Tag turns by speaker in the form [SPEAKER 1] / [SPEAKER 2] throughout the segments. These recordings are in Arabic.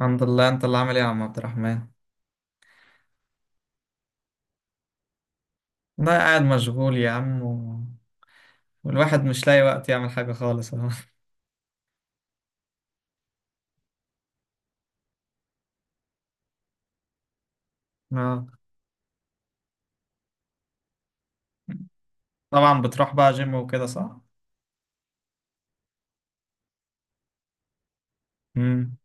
[SPEAKER 1] الحمد لله. انت اللي عامل ايه يا عم عبد الرحمن؟ ده قاعد مشغول يا عم والواحد مش لاقي وقت يعمل حاجة خالص اهو. اه. طبعا بتروح بقى جيم وكده صح؟ امم.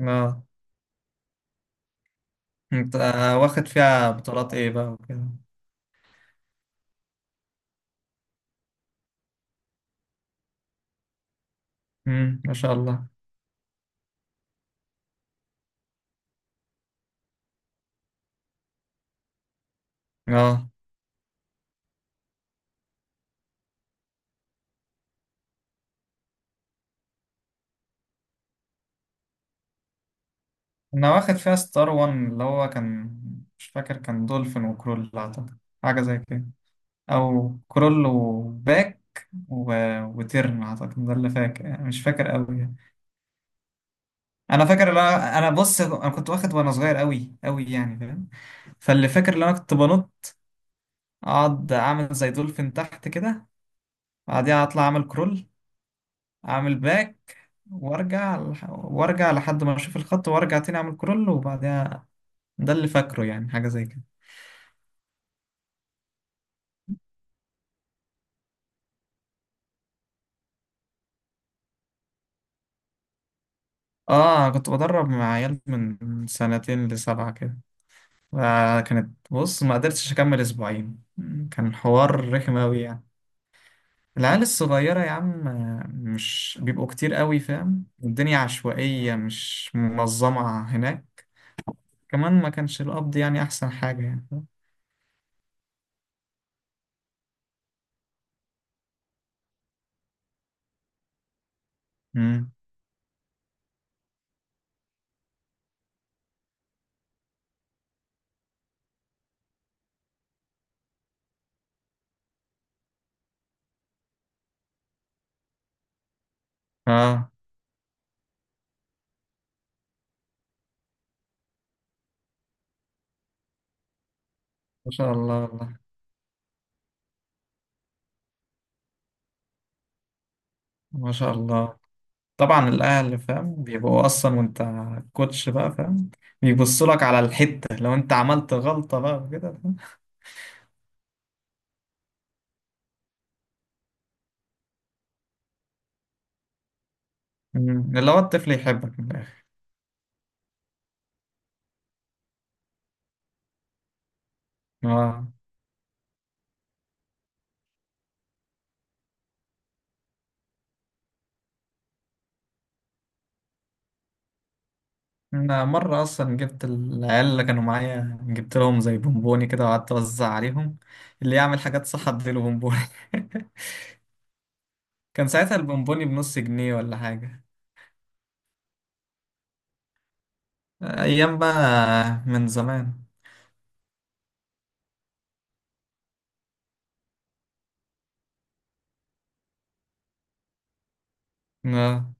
[SPEAKER 1] اه. انت واخد فيها بطولات ايه بقى وكده؟ امم، ما شاء الله. اه، انا واخد فيها ستار وان، اللي هو كان مش فاكر، كان دولفين وكرول اعتقد، حاجة زي كده، او كرول وباك و... وترن اعتقد، ده اللي فاكر، مش فاكر قوي. انا فاكر اللي انا بص، انا كنت واخد وانا صغير قوي قوي يعني فاهم؟ فاللي فاكر اللي انا كنت بنط، اقعد اعمل زي دولفين تحت كده، بعديها اطلع اعمل كرول، اعمل باك، وارجع لحد ما اشوف الخط وارجع تاني اعمل كرول، وبعديها ده اللي فاكره، يعني حاجه زي كده. اه، أنا كنت بدرب مع عيال من سنتين لسبعه كده، وكانت بص ما قدرتش اكمل اسبوعين. كان حوار رخم قوي يعني. العيال الصغيرة يا عم مش بيبقوا كتير قوي، فاهم؟ الدنيا عشوائية مش منظمة هناك. كمان ما كانش القبض يعني أحسن حاجة، يعني فاهم؟ مم. آه، ما شاء الله والله. ما شاء الله. طبعا الأهل فاهم بيبقوا أصلا، وأنت كوتش بقى فاهم، بيبصوا لك على الحتة لو أنت عملت غلطة بقى وكده، فاهم؟ مم. اللي هو الطفل يحبك من الآخر. آه. أنا مرة أصلا جبت العيال اللي كانوا معايا، جبت لهم زي بونبوني كده، وقعدت أوزع عليهم، اللي يعمل حاجات صح أديله بونبوني. كان ساعتها البونبوني بنص جنيه ولا حاجة. أيام بقى. من زمان. آه.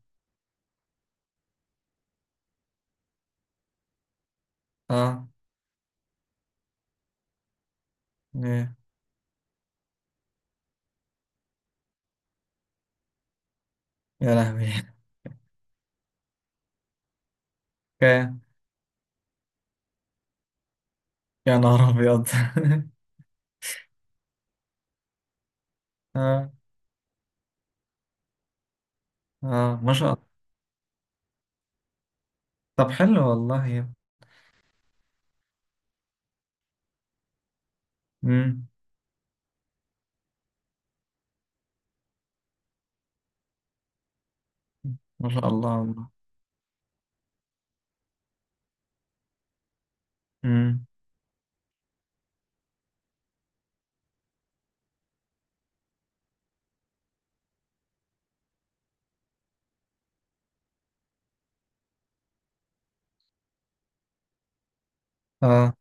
[SPEAKER 1] آه. إيه. يا لهوي. كام؟ يا نهار أبيض. آه. آه، ما شاء الله. طب حلو والله. مم. ما شاء الله والله. مم. آه.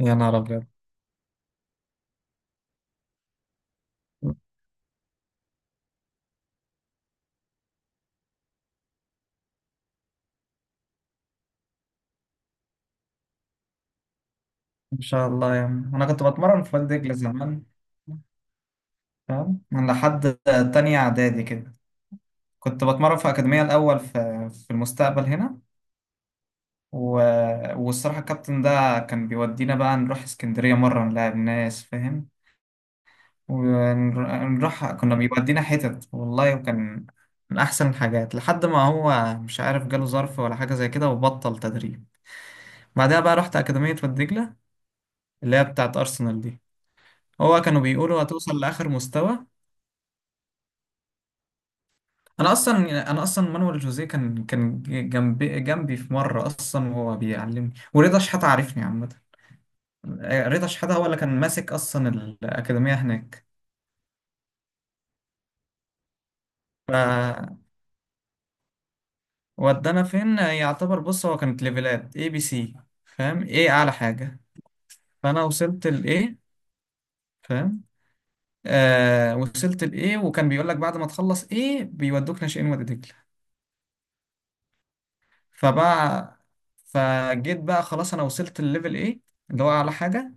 [SPEAKER 1] يا نهار أبيض. ما شاء الله يا عم. أنا كنت بتمرن في وادي دجلة زمان، فاهم؟ من لحد تانية إعدادي كده كنت بتمرن في أكاديمية الأول، في المستقبل هنا و... والصراحة الكابتن ده كان بيودينا بقى نروح اسكندرية مرة نلاعب ناس، فاهم؟ ونروح، كنا بيودينا حتت والله، وكان من أحسن الحاجات لحد ما هو مش عارف جاله ظرف ولا حاجة زي كده وبطل تدريب. بعدها بقى رحت أكاديمية والدجلة، اللي هي بتاعت أرسنال دي. هو كانوا بيقولوا هتوصل لآخر مستوى. انا اصلا مانويل جوزيه كان جنبي جنبي في مره اصلا وهو بيعلمني، ورضا شحاته عارفني عامه. رضا شحاته هو اللي كان ماسك اصلا الاكاديميه هناك. فودانا فين يعتبر، بص، هو كانت ليفلات اي بي سي، فاهم ايه اعلى حاجه؟ فانا وصلت الاي، فاهم؟ آه، وصلت الاي، وكان بيقول لك بعد ما تخلص ايه بيودوك ناشئين وادي دجله. فبقى، فجيت بقى خلاص، انا وصلت الليفل ايه، اللي هو اعلى حاجه.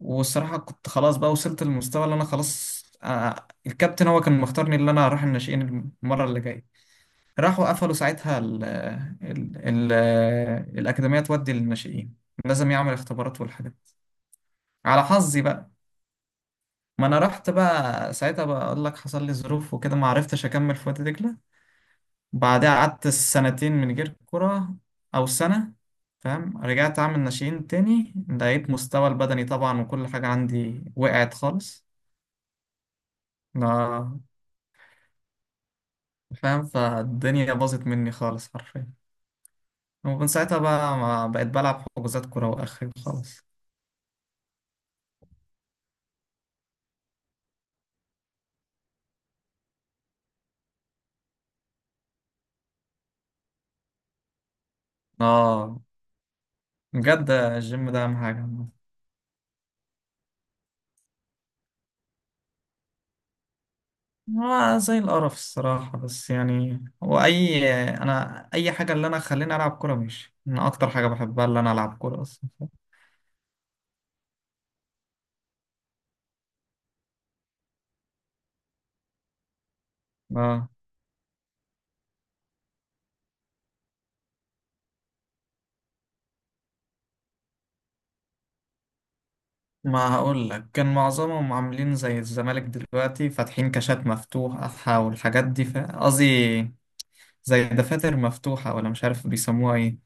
[SPEAKER 1] والصراحة كنت خلاص بقى وصلت للمستوى اللي أنا خلاص، الكابتن هو كان مختارني اللي أنا أروح الناشئين المرة اللي جاية. راحوا قفلوا ساعتها ال ال ال الأكاديمية تودي للناشئين، لازم يعمل اختبارات والحاجات. على حظي بقى. ما أنا رحت بقى ساعتها، بقول لك حصل لي ظروف وكده ما عرفتش أكمل في وادي دجلة. بعدها قعدت سنتين من غير كرة، أو سنة. فاهم؟ رجعت أعمل ناشئين تاني، لقيت مستوى البدني طبعا وكل حاجة عندي وقعت خالص، فاهم؟ فالدنيا باظت مني خالص حرفيا، ومن ساعتها بقى ما بقيت بلعب حجوزات كورة وآخري خالص. اه، بجد الجيم ده أهم حاجة. هو زي القرف الصراحة، بس يعني هو أنا أي حاجة اللي أنا خليني ألعب كورة ماشي، أنا أكتر حاجة بحبها اللي أنا ألعب كورة أصلا. اه، ما هقول لك، كان معظمهم عاملين زي الزمالك دلوقتي فاتحين كاشات مفتوحة والحاجات دي، قصدي زي دفاتر مفتوحة، ولا مش عارف بيسموها إيه.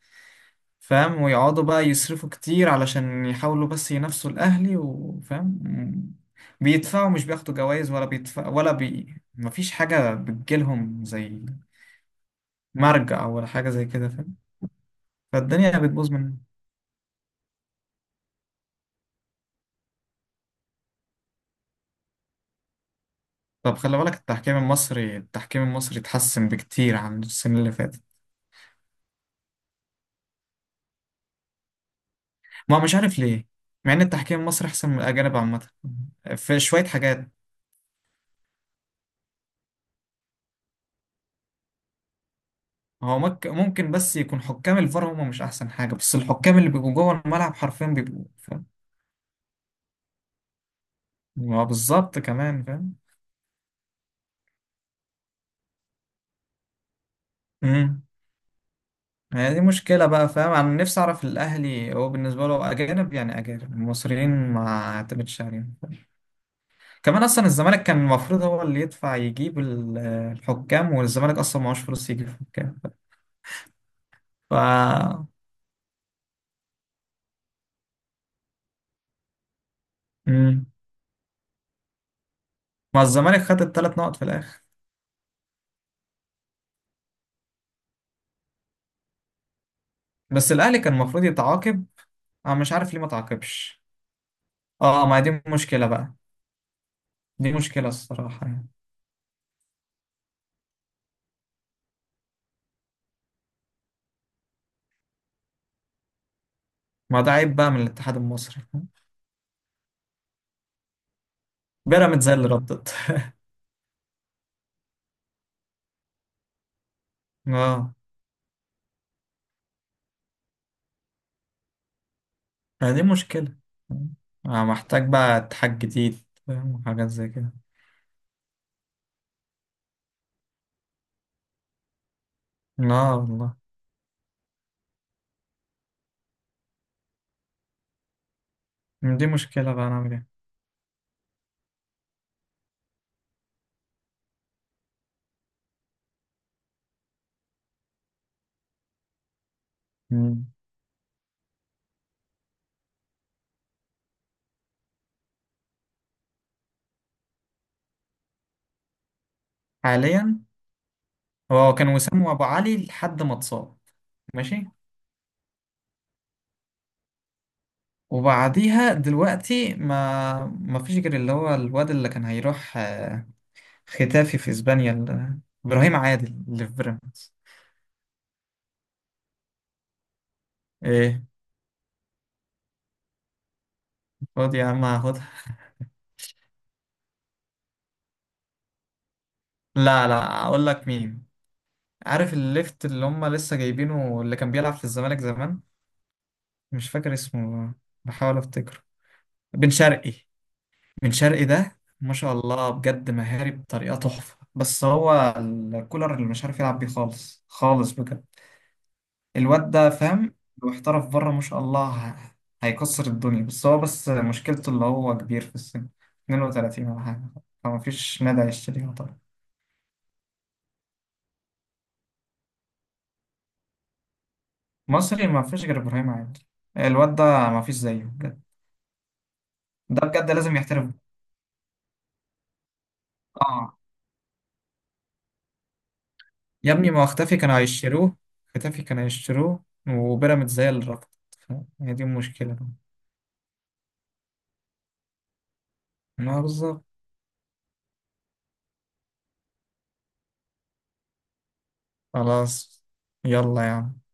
[SPEAKER 1] فاهم؟ ويقعدوا بقى يصرفوا كتير علشان يحاولوا بس ينافسوا الأهلي، وفاهم، بيدفعوا، مش بياخدوا جوائز ولا بيدفع ولا مفيش حاجة بتجيلهم زي مرجع ولا حاجة زي كده، فاهم؟ فالدنيا بتبوظ منهم. طب خلي بالك، التحكيم المصري التحكيم المصري اتحسن بكتير عن السنة اللي فاتت. ما مش عارف ليه، مع ان التحكيم المصري احسن من الأجانب عامة في شوية حاجات. هو ممكن بس يكون حكام الفار هم مش احسن حاجه، بس الحكام اللي بيبقوا جوه الملعب حرفيا بيبقوا. ما بالظبط، كمان فاهم. امم. هي دي مشكلة بقى، فاهم؟ انا نفسي اعرف الاهلي هو بالنسبة له اجانب يعني، اجانب المصريين ما اعتمدش عليهم، فاهم؟ كمان اصلا الزمالك كان المفروض هو اللي يدفع يجيب الحكام، والزمالك اصلا معهوش فلوس يجيب حكام. ف امم. ما الزمالك خد الثلاث نقط في الاخر. بس الاهلي كان المفروض يتعاقب. انا مش عارف ليه ما تعاقبش. اه، ما هي دي مشكلة بقى. دي مشكلة الصراحة يعني. ما ده عيب بقى من الاتحاد المصري، فاهم؟ بيراميدز هي اللي ردت. اه. يعني دي مشكلة، أنا محتاج بقى اتحاج جديد، فاهم؟ وحاجات زي كده. لا والله. دي مشكلة بقى أنا أعمل إيه. مم. حاليا، هو كان وسام وأبو علي لحد ما اتصاب. ماشي. وبعديها دلوقتي ما فيش غير اللي هو الواد اللي كان هيروح، ختافي في اسبانيا، ابراهيم عادل اللي في بيراميدز. ايه. خد يا عم هاخدها. لا، لا اقول لك مين. عارف الليفت اللي هم لسه جايبينه، اللي كان بيلعب في الزمالك زمان، مش فاكر اسمه والله، بحاول افتكره. بن شرقي. بن شرقي ده ما شاء الله بجد، مهاري بطريقة تحفة، بس هو الكولر اللي مش عارف يلعب بيه خالص خالص بجد. الواد ده فاهم، لو احترف بره ما شاء الله هيكسر الدنيا. بس هو بس مشكلته اللي هو كبير في السن، 32 ولا حاجة، فما فيش نادي هيشتريه طبعا. مصري ما فيش غير إبراهيم عادل، الواد ده ما فيش زيه بجد، ده بجد لازم يحترف. اه. يا ابني ما هو اختفي كانوا هيشتروه، اختفي كانوا هيشتروه، وبيراميدز هي اللي رفضت. ف- هي دي المشكلة. ما بالظبط. خلاص. يلا يا عم.